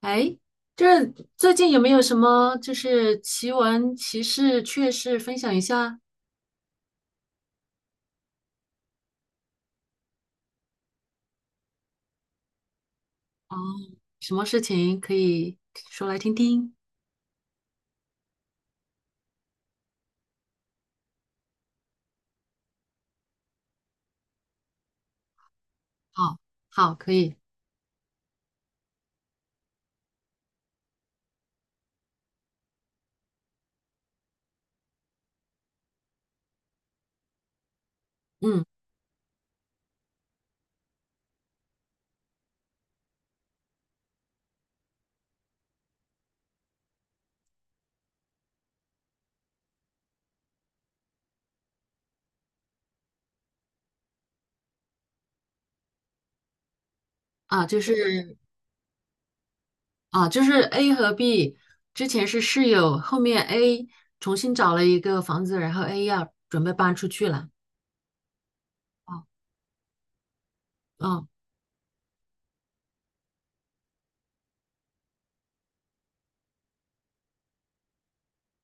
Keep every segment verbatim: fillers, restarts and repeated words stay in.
哎，这最近有没有什么就是奇闻奇事、趣事分享一下？哦，什么事情可以说来听听？好，好，可以。嗯，。啊，就是啊，就是 A 和 B 之前是室友，后面 A 重新找了一个房子，然后 A 要准备搬出去了。哦。哦。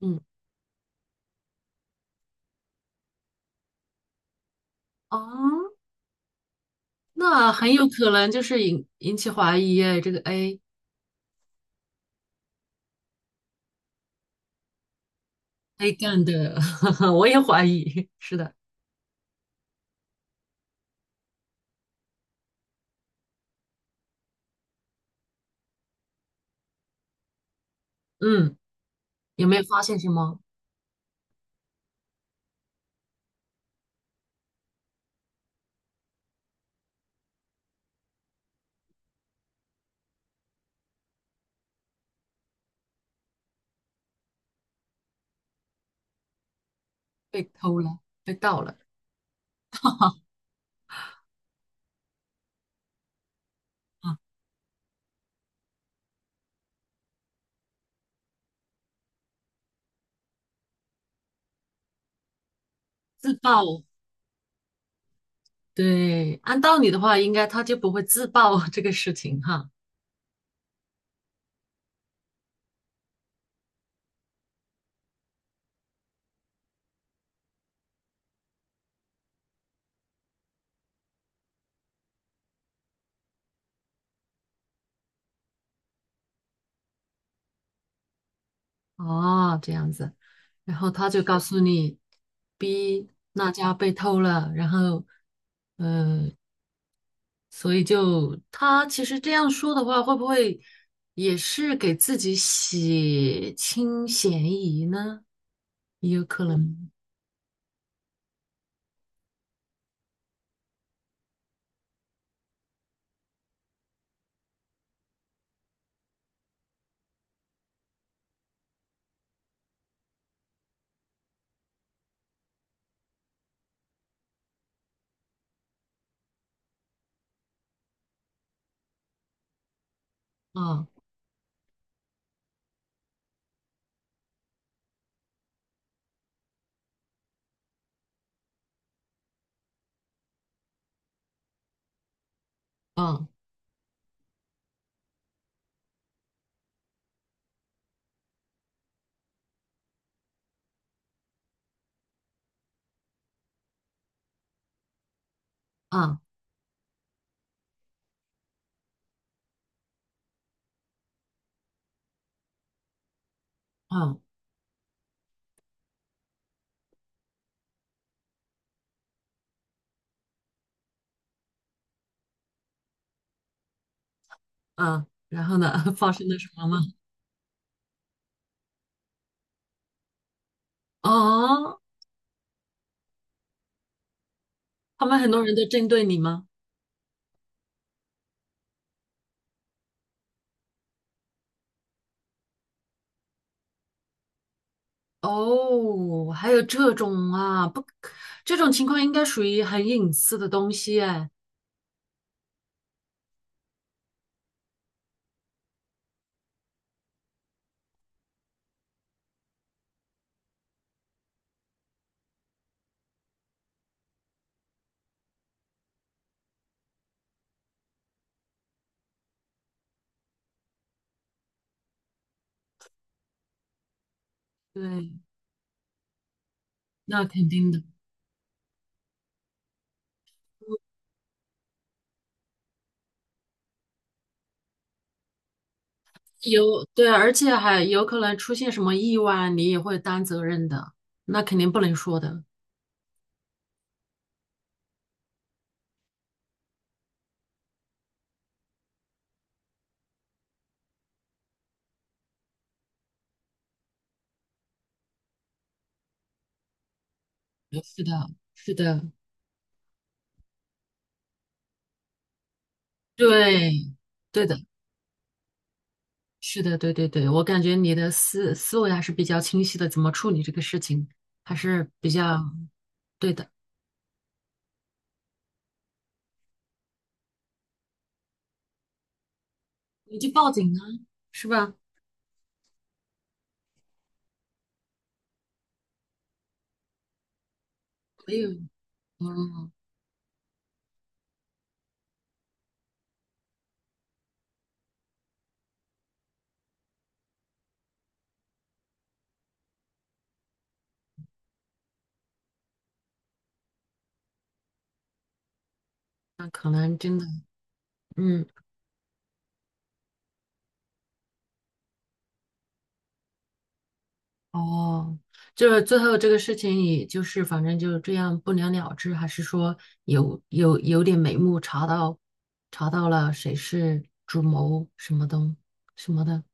嗯。哦，那很有可能就是引引起怀疑哎，这个 A A 干的。我也怀疑。是的。嗯。有没有发现什么被偷了、被盗了啊？自爆，对，。按道理的话，应该他就不会自爆 这个事情哈。哦，这样子，然后他就告诉你，B 那家被偷了，然后所以就他其实这样说的话，会不会也是给自己洗清嫌疑呢？也有可能。嗯嗯嗯嗯嗯，然后呢，发生了什么吗？哦，他们很多人都针对你吗？哦，还有这种啊？不，这种情况应该属于很隐私的东西哎。对，那肯定的。有，对，而且还有可能出现什么意外，你也会担责任的，那肯定不能说的。是的，是的。对。对的。是的。对对对，我感觉你的思思维还是比较清晰的，怎么处理这个事情还是比较对的。你就报警啊，是吧？没有。嗯。那可能真的，。嗯。哦，就是最后这个事情，也就是反正就这样不了了之，还是说有有有点眉目，查到查到了谁是主谋什么东什么的？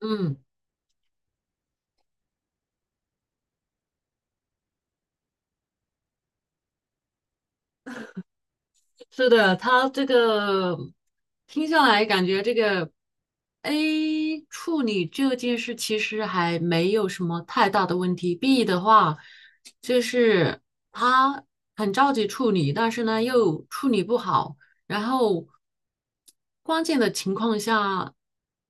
嗯。是的，他这个听下来感觉这个 A 处理这件事其实还没有什么太大的问题。B 的话，就是他很着急处理，但是呢又处理不好。然后关键的情况下，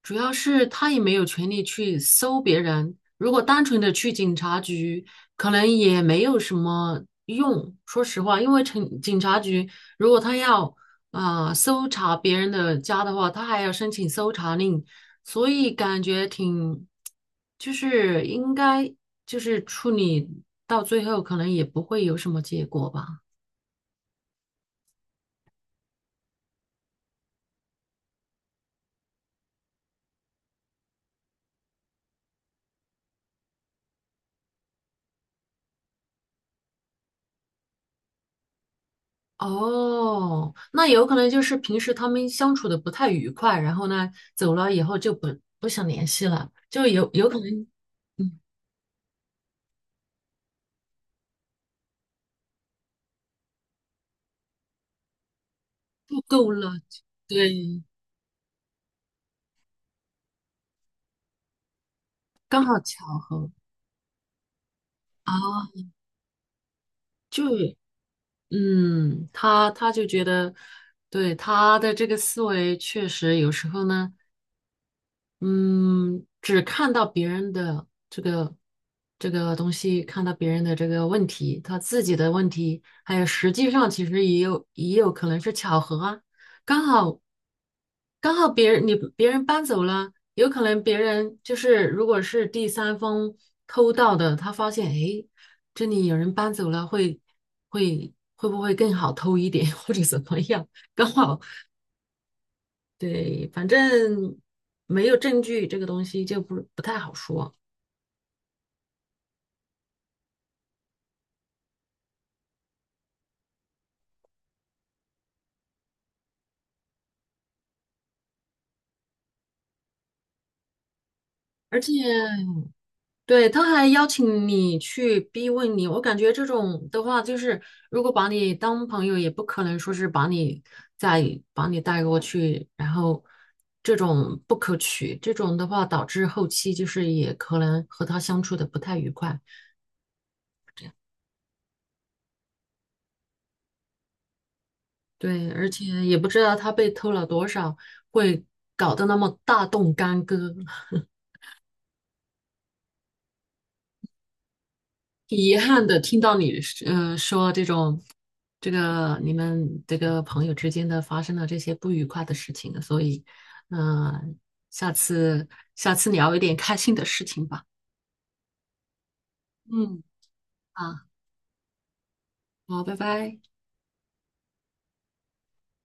主要是他也没有权利去搜别人。如果单纯的去警察局，可能也没有什么用。说实话，因为警警察局如果他要啊、呃搜查别人的家的话，他还要申请搜查令，所以感觉挺，就是应该就是处理到最后，可能也不会有什么结果吧。哦，那有可能就是平时他们相处的不太愉快，然后呢，走了以后就不不想联系了，就有有可能。嗯。不够了。对。刚好巧合啊。就嗯，他他就觉得，对他的这个思维确实有时候呢。嗯，只看到别人的这个这个东西，看到别人的这个问题，他自己的问题，还有实际上其实也有也有可能是巧合啊，刚好刚好别人你别人搬走了，有可能别人就是如果是第三方偷盗的，他发现诶，这里有人搬走了，会会会不会更好偷一点 或者怎么样？刚好对，反正没有证据，这个东西就不不太好说。而且，对，他还邀请你去逼问你，我感觉这种的话，就是如果把你当朋友，也不可能说是把你再把你带过去，然后这种不可取，这种的话导致后期就是也可能和他相处的不太愉快。对，而且也不知道他被偷了多少，会搞得那么大动干戈。挺遗憾的，听到你呃说这种，这个你们这个朋友之间的发生了这些不愉快的事情，所以，嗯、下次下次聊一点开心的事情吧。嗯。啊，好，拜拜。